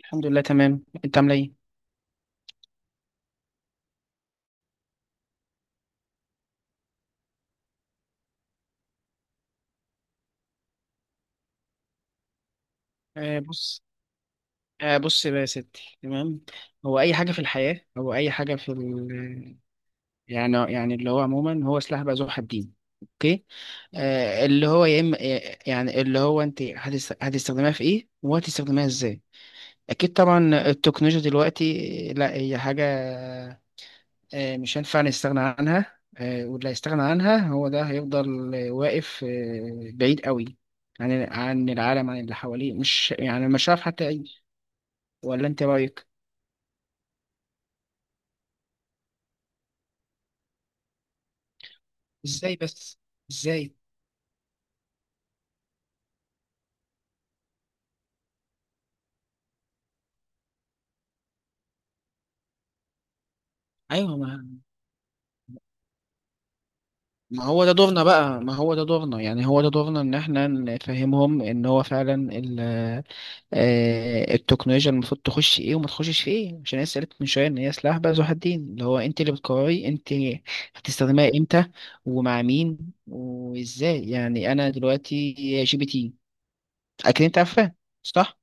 الحمد لله، تمام. انت عامله ايه؟ آه بص آه، بص بقى يا ستي، تمام. هو اي حاجه في الحياه، او اي حاجه في يعني اللي هو عموما هو سلاح بقى ذو حدين. اوكي. آه اللي هو يا اما يعني اللي هو انت هتستخدمها في ايه وهتستخدمها ازاي. اكيد طبعا. التكنولوجيا دلوقتي، لا هي حاجه مش هينفع نستغنى عنها، واللي هيستغنى عنها هو ده هيفضل واقف بعيد قوي عن العالم، عن اللي حواليه. مش يعني مش عارف حتى يعيش. ولا انت رايك؟ ازاي بس؟ ازاي؟ ايوه. ما هو ده دورنا بقى ما هو ده دورنا، يعني هو ده دورنا ان احنا نفهمهم ان هو فعلا التكنولوجيا المفروض تخش في ايه وما تخشش في ايه. عشان انا سألت من شويه ان هي سلاح بقى ذو حدين، اللي هو انت اللي بتقرري انت هتستخدمها امتى، ومع مين، وازاي. يعني انا دلوقتي جي بي تي، اكيد انت عارفاه، صح؟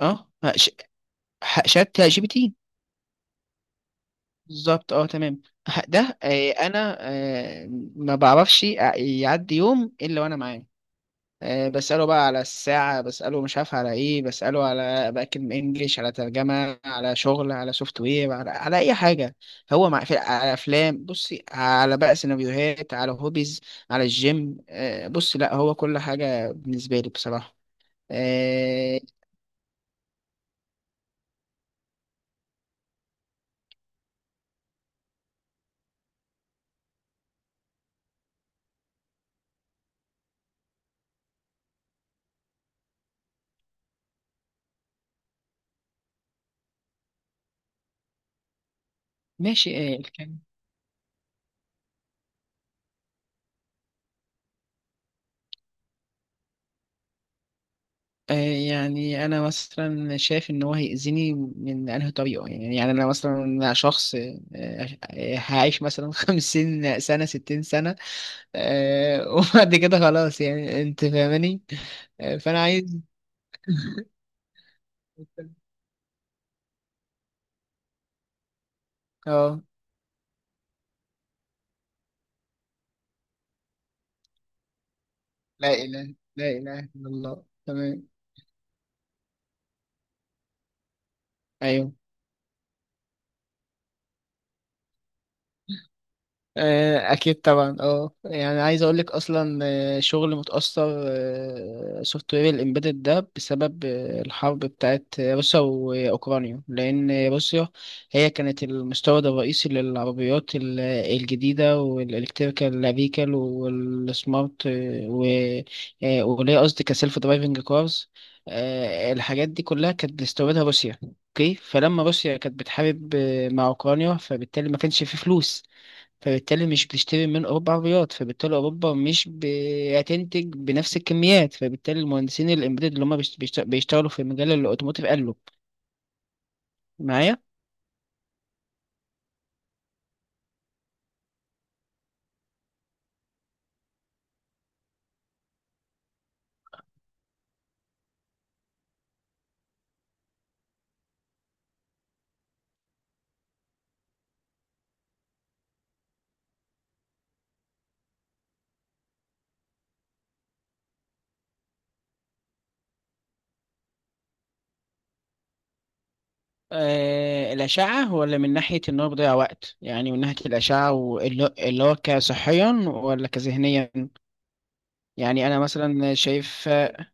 اه. ش- شات جي بي تي. بالظبط، اه تمام. ده آه، انا آه، ما بعرفش يعدي يوم الا وانا معاه. بسأله بقى على الساعة، بسأله مش عارف على ايه، بسأله على، بأكد من انجليش، على ترجمة، على شغل، على سوفت وير، على اي حاجة. هو مع في على افلام، بصي، على بقى سيناريوهات، على هوبيز، على الجيم. بصي لا هو كل حاجة بالنسبة لي بصراحة. آه، ماشي آه، يعني انا مثلا شايف ان هو هيأذيني من انهي طريقة. يعني انا مثلا شخص هعيش مثلا 50 سنة، 60 سنة وبعد كده خلاص، يعني انت فاهماني. فانا عايز. اه، لا اله، لا اله الا الله، تمام. ايوه، اكيد طبعا. اه، يعني عايز اقول لك اصلا شغل متاثر. سوفت وير الامبيدد ده بسبب الحرب بتاعت روسيا واوكرانيا، لان روسيا هي كانت المستورد الرئيسي للعربيات الجديده والالكتريكال فيكل والسمارت آه، و آه، وليه قصدي كسيلف درايفنج كارز. الحاجات دي كلها كانت بتستوردها روسيا. اوكي، فلما روسيا كانت بتحارب مع اوكرانيا، فبالتالي ما كانش في فلوس، فبالتالي مش بتشتري من أوروبا عربيات، فبالتالي أوروبا مش بتنتج بنفس الكميات، فبالتالي المهندسين الإمبيدد اللي هم بيشتغلوا في مجال الأوتوموتيف قالوا معايا. آه، الأشعة، ولا من ناحية إن هو بيضيع وقت؟ يعني من ناحية الأشعة، واللي هو كصحيا ولا كذهنيا؟ يعني أنا مثلا شايف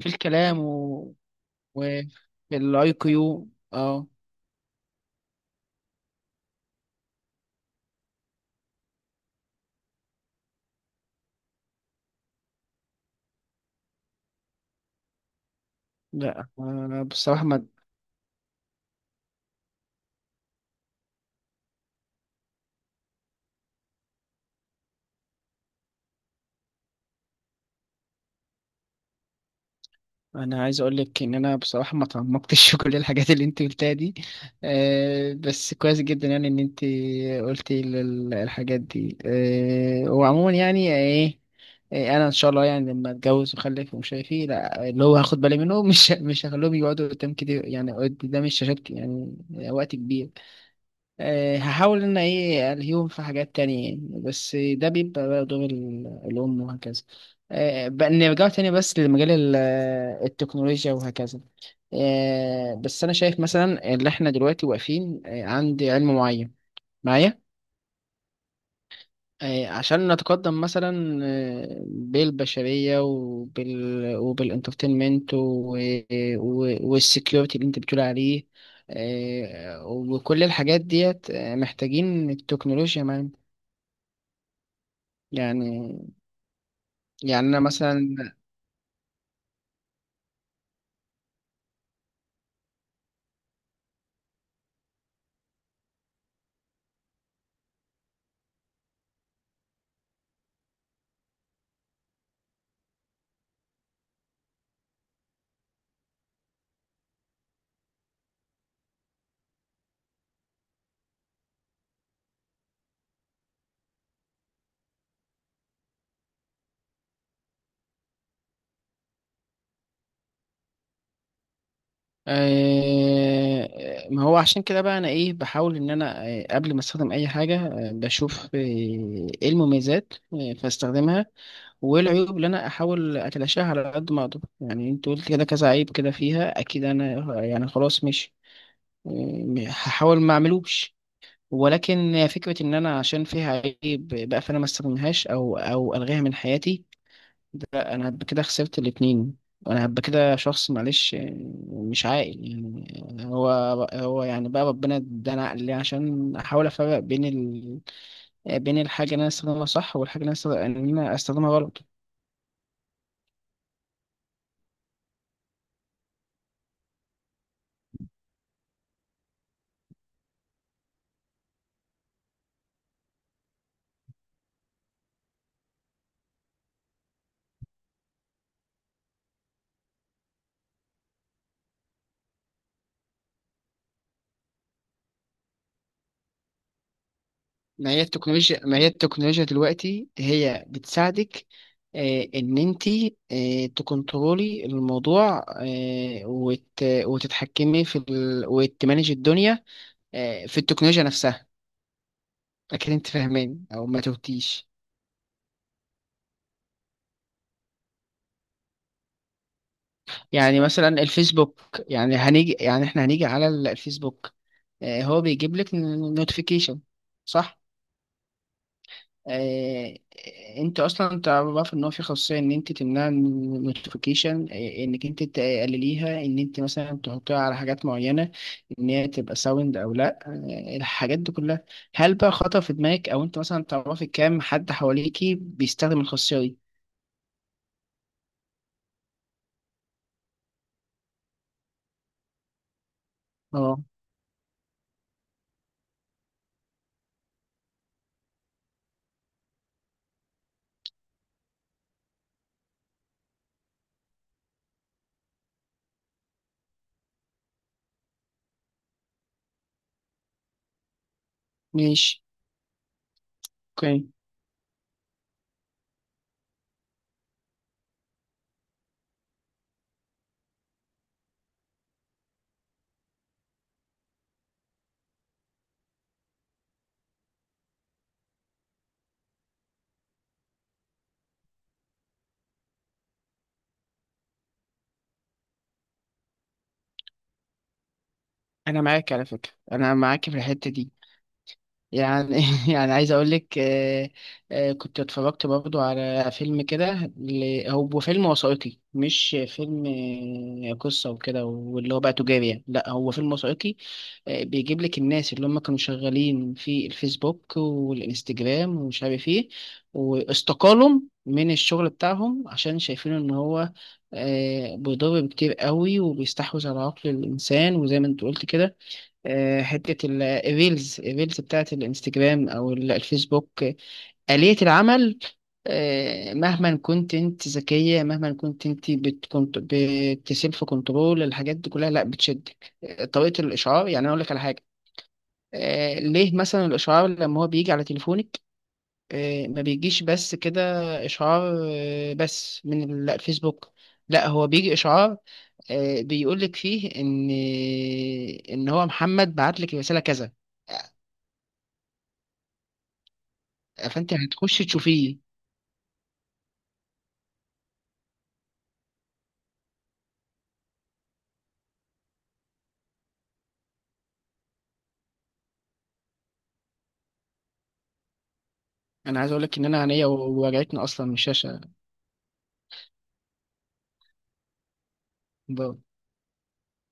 في الكلام وفي الأي كيو، أه. لا بصراحة. انا عايز اقول لك ان انا بصراحه ما تعمقتش في كل الحاجات اللي انت قلتها دي. أه، بس كويس جدا يعني ان انت قلتي الحاجات دي. أه، وعموما يعني ايه، انا ان شاء الله يعني لما اتجوز واخلف ومش عارف ايه، لا اللي هو هاخد بالي منه، مش مش هخليهم يقعدوا قدام كده، يعني قدام الشاشات يعني وقت كبير. هحاول ان ايه الهيهم في حاجات تانية يعني، بس ده بيبقى بقى دور الام وهكذا. بقى نرجع تاني بس لمجال التكنولوجيا وهكذا. بس انا شايف مثلا ان احنا دلوقتي واقفين عند علم معين، معايا؟ عشان نتقدم مثلا بالبشرية وبالانترتينمنت والسكيورتي اللي انت بتقول عليه وكل الحاجات ديت محتاجين التكنولوجيا معانا. يعني، يعني انا مثلا آه، ما هو عشان كده بقى انا ايه، بحاول ان انا قبل ما استخدم اي حاجة بشوف ايه المميزات فاستخدمها، وايه العيوب اللي انا احاول اتلاشاها على قد ما اقدر. يعني انت قلت كده كذا عيب كده فيها، اكيد انا يعني خلاص، مش هحاول ما اعملوش. ولكن فكرة ان انا عشان فيها عيب بقى فانا ما استخدمهاش او الغيها من حياتي، لا. انا هبقى كده خسرت الاتنين. انا هبقى كده شخص، معلش، مش عاقل. يعني هو يعني بقى ربنا ادانا عقل ليه؟ عشان احاول افرق بين بين الحاجة اللي انا استخدمها صح، والحاجة اللي انا استخدمها غلط. ما هي التكنولوجيا دلوقتي هي بتساعدك ان انت تكنترولي الموضوع، وتتحكمي في وتمانج الدنيا في التكنولوجيا نفسها. اكيد انت فاهمين او ما توتيش. يعني مثلا الفيسبوك، يعني هنيجي يعني احنا هنيجي على الفيسبوك، هو بيجيب لك نوتيفيكيشن، صح؟ آه، انت اصلا تعرف ان هو في خاصيه ان انت تمنع النوتيفيكيشن، انك انت تقلليها، ان انت مثلا تحطيها على حاجات معينه، ان هي تبقى ساوند او لا. الحاجات دي كلها، هل بقى خطر في دماغك، او انت مثلا تعرفي كام حد حواليكي بيستخدم الخاصيه دي؟ اه، ماشي، اوكي. انا معاك على فكره، انا معاك في الحته دي. يعني يعني عايز اقول لك كنت اتفرجت برضو على فيلم كده، هو فيلم وثائقي، مش فيلم قصة وكده واللي هو بقى تجاري يعني. لا، هو فيلم وثائقي بيجيب لك الناس اللي هم كانوا شغالين في الفيسبوك والانستجرام ومش عارف ايه، واستقالوا من الشغل بتاعهم عشان شايفين ان هو بيضر كتير قوي وبيستحوذ على عقل الانسان. وزي ما انت قلت كده حتة الريلز بتاعت الانستجرام أو الفيسبوك. آلية العمل مهما كنت انت ذكية، مهما كنت انت بتكنت بتسيلف كنترول الحاجات دي كلها، لا بتشدك. طريقة الإشعار، يعني أنا أقول لك على حاجة، ليه مثلا الإشعار لما هو بيجي على تليفونك ما بيجيش بس كده إشعار بس من الفيسبوك، لا هو بيجي إشعار بيقولك فيه إن هو محمد بعت لك رسالة كذا، فانت هتخشي تشوفيه. انا عايز اقول لك ان انا عينيا وجعتني اصلا من الشاشه.